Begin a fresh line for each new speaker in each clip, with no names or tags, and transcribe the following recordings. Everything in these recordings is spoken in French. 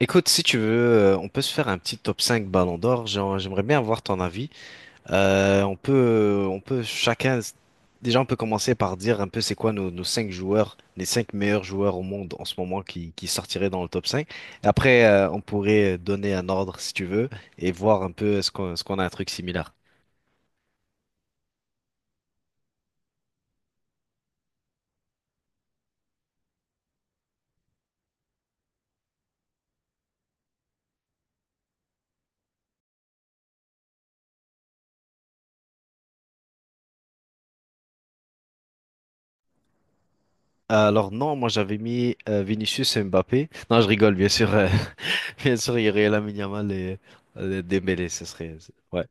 Écoute, si tu veux, on peut se faire un petit top 5 Ballon d'Or. J'aimerais bien avoir ton avis. On peut, on peut chacun, déjà, on peut commencer par dire un peu c'est quoi nos 5 joueurs, les 5 meilleurs joueurs au monde en ce moment qui sortiraient dans le top 5. Et après, on pourrait donner un ordre si tu veux et voir un peu est-ce qu'on a un truc similaire. Alors non, moi j'avais mis Vinicius et Mbappé. Non, je rigole, bien sûr. Bien sûr, il y aurait Lamine Yamal et Dembélé, ce serait... Ouais.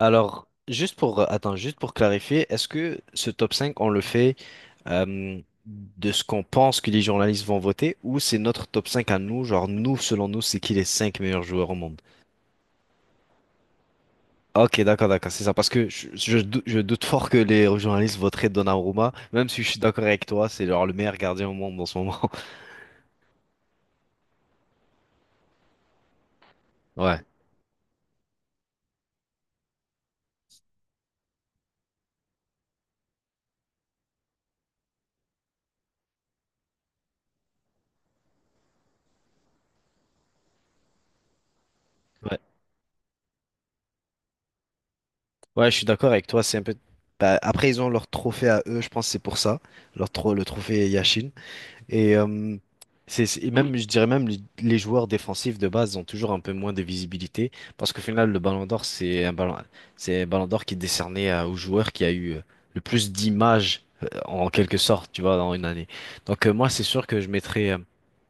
Alors, attends, juste pour clarifier, est-ce que ce top 5, on le fait euh, de ce qu'on pense que les journalistes vont voter ou c'est notre top 5 à nous, genre nous, selon nous, c'est qui les 5 meilleurs joueurs au monde? Ok, d'accord, d'accord, c'est ça, parce que je doute fort que les journalistes voteraient Donnarumma, même si je suis d'accord avec toi, c'est genre le meilleur gardien au monde en ce moment. Ouais, ouais, ouais, je suis d'accord avec toi, c'est un peu... Bah, après, ils ont leur trophée à eux, je pense que c'est pour ça, le trophée Yashin. Et, et même, je dirais même, les joueurs défensifs de base ont toujours un peu moins de visibilité parce qu'au final, le Ballon d'Or, c'est un Ballon d'Or qui est décerné au joueur qui a eu le plus d'images en quelque sorte, tu vois, dans une année. Donc, moi, c'est sûr que je mettrais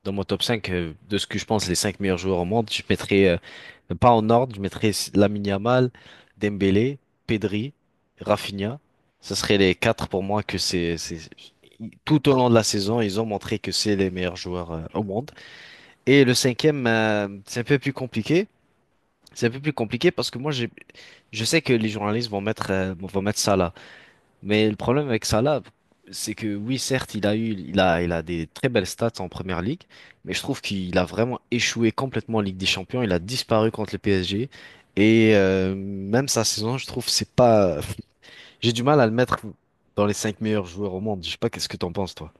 dans mon top 5 de ce que je pense les 5 meilleurs joueurs au monde, je mettrais pas en ordre, je mettrais Lamine Yamal, Dembélé, Pedri, Rafinha. Ce serait les quatre pour moi que c'est, tout au long de la saison, ils ont montré que c'est les meilleurs joueurs au monde. Et le cinquième, c'est un peu plus compliqué. C'est un peu plus compliqué parce que je sais que les journalistes vont vont mettre Salah. Mais le problème avec Salah, c'est que oui, certes, il a eu, il a des très belles stats en Première Ligue, mais je trouve qu'il a vraiment échoué complètement en Ligue des Champions. Il a disparu contre le PSG. Et même sa saison, je trouve, c'est pas. J'ai du mal à le mettre dans les cinq meilleurs joueurs au monde. Je sais pas, qu'est-ce que t'en penses, toi?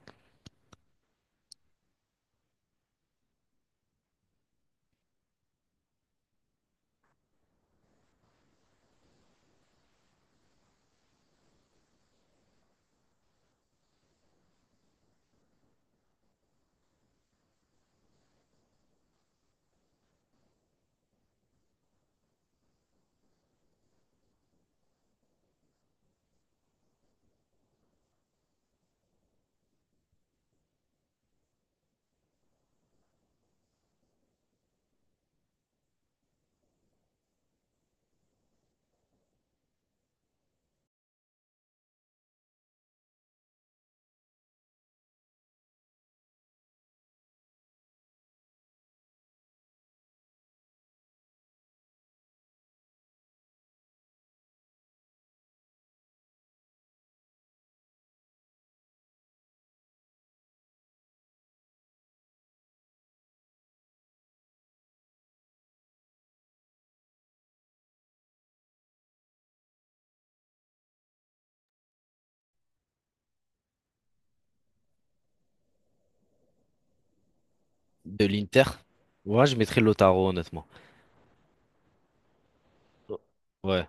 De l'Inter? Ouais, je mettrais Lautaro, honnêtement. Ouais.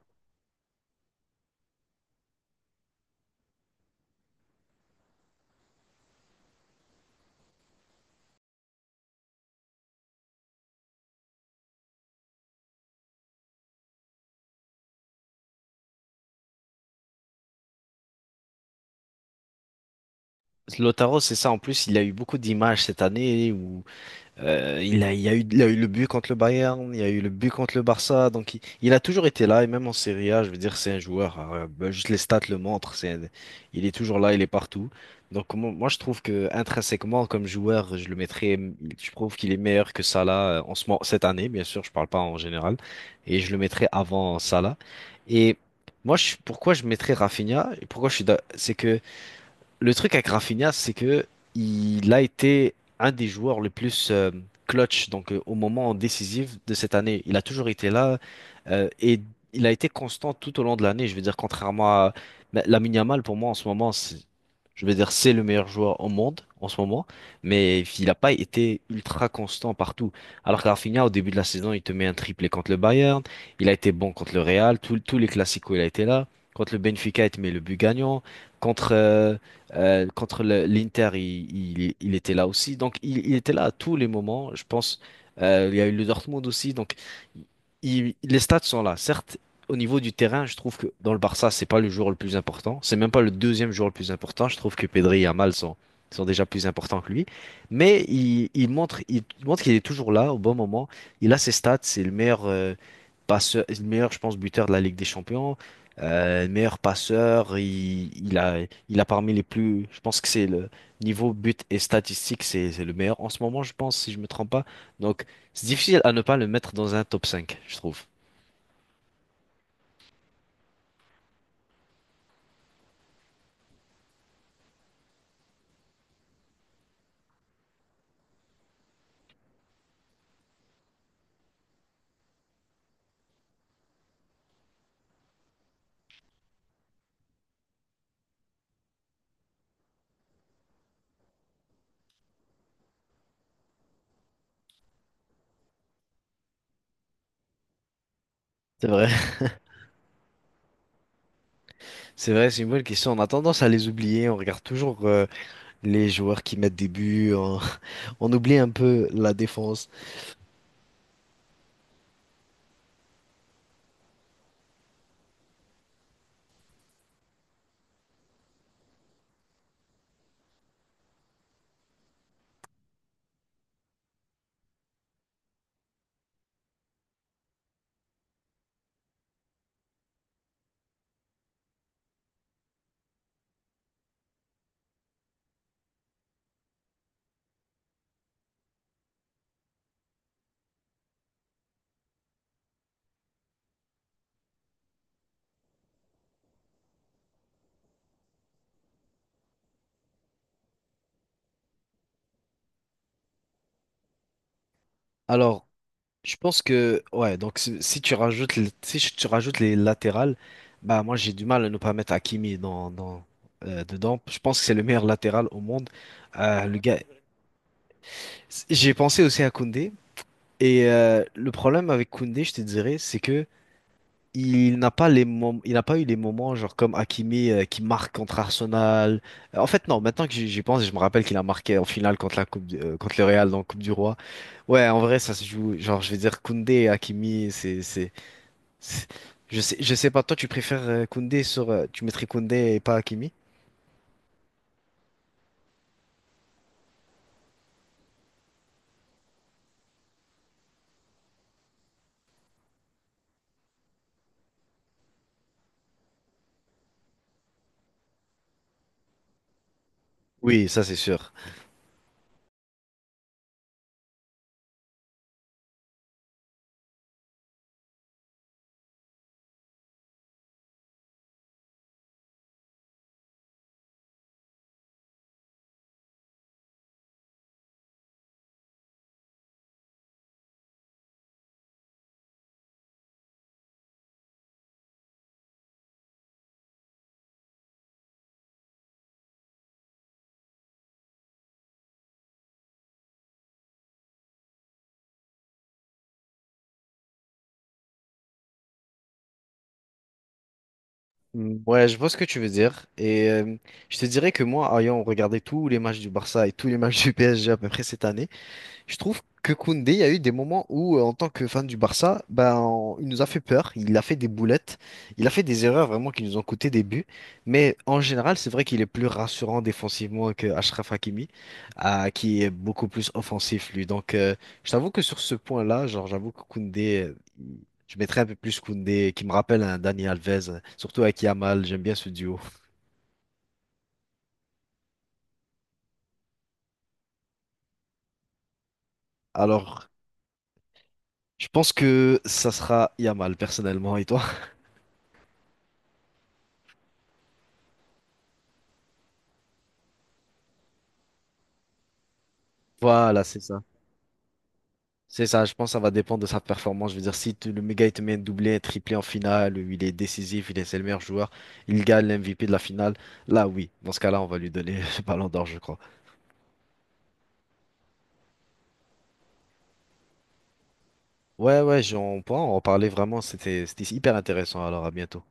Lautaro, c'est ça. En plus, il a eu beaucoup d'images cette année où il a eu le but contre le Bayern, il a eu le but contre le Barça, donc il a toujours été là, et même en Serie A, je veux dire, c'est un joueur, ben, juste les stats le montrent, il est toujours là, il est partout. Donc moi, je trouve que intrinsèquement, comme joueur, je le mettrais, je trouve qu'il est meilleur que Salah en ce moment, cette année, bien sûr, je parle pas en général, et je le mettrais avant Salah. Et pourquoi je mettrais Rafinha, et pourquoi je c'est que le truc avec Rafinha, c'est que il a été un des joueurs les plus clutch, donc au moment décisif de cette année. Il a toujours été là et il a été constant tout au long de l'année. Je veux dire, contrairement à la Lamine Yamal, pour moi en ce moment, je veux dire, c'est le meilleur joueur au monde en ce moment, mais il n'a pas été ultra constant partout. Alors que Rafinha, au début de la saison, il te met un triplé contre le Bayern, il a été bon contre le Real, tous les classicos, il a été là. Contre le Benfica, il te met le but gagnant. Contre, euh, contre l'Inter, il était là aussi. Donc, il était là à tous les moments. Je pense, il y a eu le Dortmund aussi. Donc, les stats sont là. Certes, au niveau du terrain, je trouve que dans le Barça, c'est pas le joueur le plus important. C'est même pas le deuxième joueur le plus important. Je trouve que Pedri et Yamal sont déjà plus importants que lui. Mais il montre qu'il est toujours là au bon moment. Il a ses stats. C'est le meilleur. Passeur, le meilleur, je pense, buteur de la Ligue des Champions meilleur passeur, il a parmi les plus, je pense que c'est le niveau but et statistique, c'est le meilleur en ce moment, je pense, si je me trompe pas. Donc, c'est difficile à ne pas le mettre dans un top 5, je trouve. C'est vrai, c'est vrai, c'est une bonne question. On a tendance à les oublier. On regarde toujours les joueurs qui mettent des buts. On, on oublie un peu la défense. Alors, je pense que ouais donc si tu rajoutes les- si je- tu rajoutes les latérales, bah moi j'ai du mal à ne pas mettre Hakimi dans dedans, je pense que c'est le meilleur latéral au monde. Le gars j'ai pensé aussi à Koundé et le problème avec Koundé je te dirais c'est que il n'a pas eu les moments genre comme Hakimi qui marque contre Arsenal. En fait non, maintenant que j'y pense, je me rappelle qu'il a marqué en finale contre contre le Real dans la Coupe du Roi. Ouais, en vrai ça se joue, genre je vais dire Koundé et Hakimi c'est- je sais, je sais pas, toi tu préfères Koundé sur. Tu mettrais Koundé et pas Hakimi? Oui, ça c'est sûr. Ouais, je vois ce que tu veux dire. Et je te dirais que moi, ayant regardé tous les matchs du Barça et tous les matchs du PSG à peu près cette année, je trouve que Koundé, il y a eu des moments où, en tant que fan du Barça, il nous a fait peur, il a fait des boulettes, il a fait des erreurs vraiment qui nous ont coûté des buts. Mais en général, c'est vrai qu'il est plus rassurant défensivement que Achraf Hakimi, ah, qui est beaucoup plus offensif, lui. Donc, je t'avoue que sur ce point-là, genre, j'avoue que je mettrais un peu plus Koundé, qui me rappelle un Dani Alves, surtout avec Yamal, j'aime bien ce duo. Alors, je pense que ça sera Yamal, personnellement, et toi? Voilà, c'est ça. C'est ça, je pense que ça va dépendre de sa performance. Je veux dire, si tu- le méga il te met un doublé, un triplé en finale, où il est décisif, c'est le meilleur joueur, il gagne l'MVP de la finale, là oui, dans ce cas-là, on va lui donner le ballon d'or, je crois. On pourra en reparler vraiment, c'était hyper intéressant, alors à bientôt.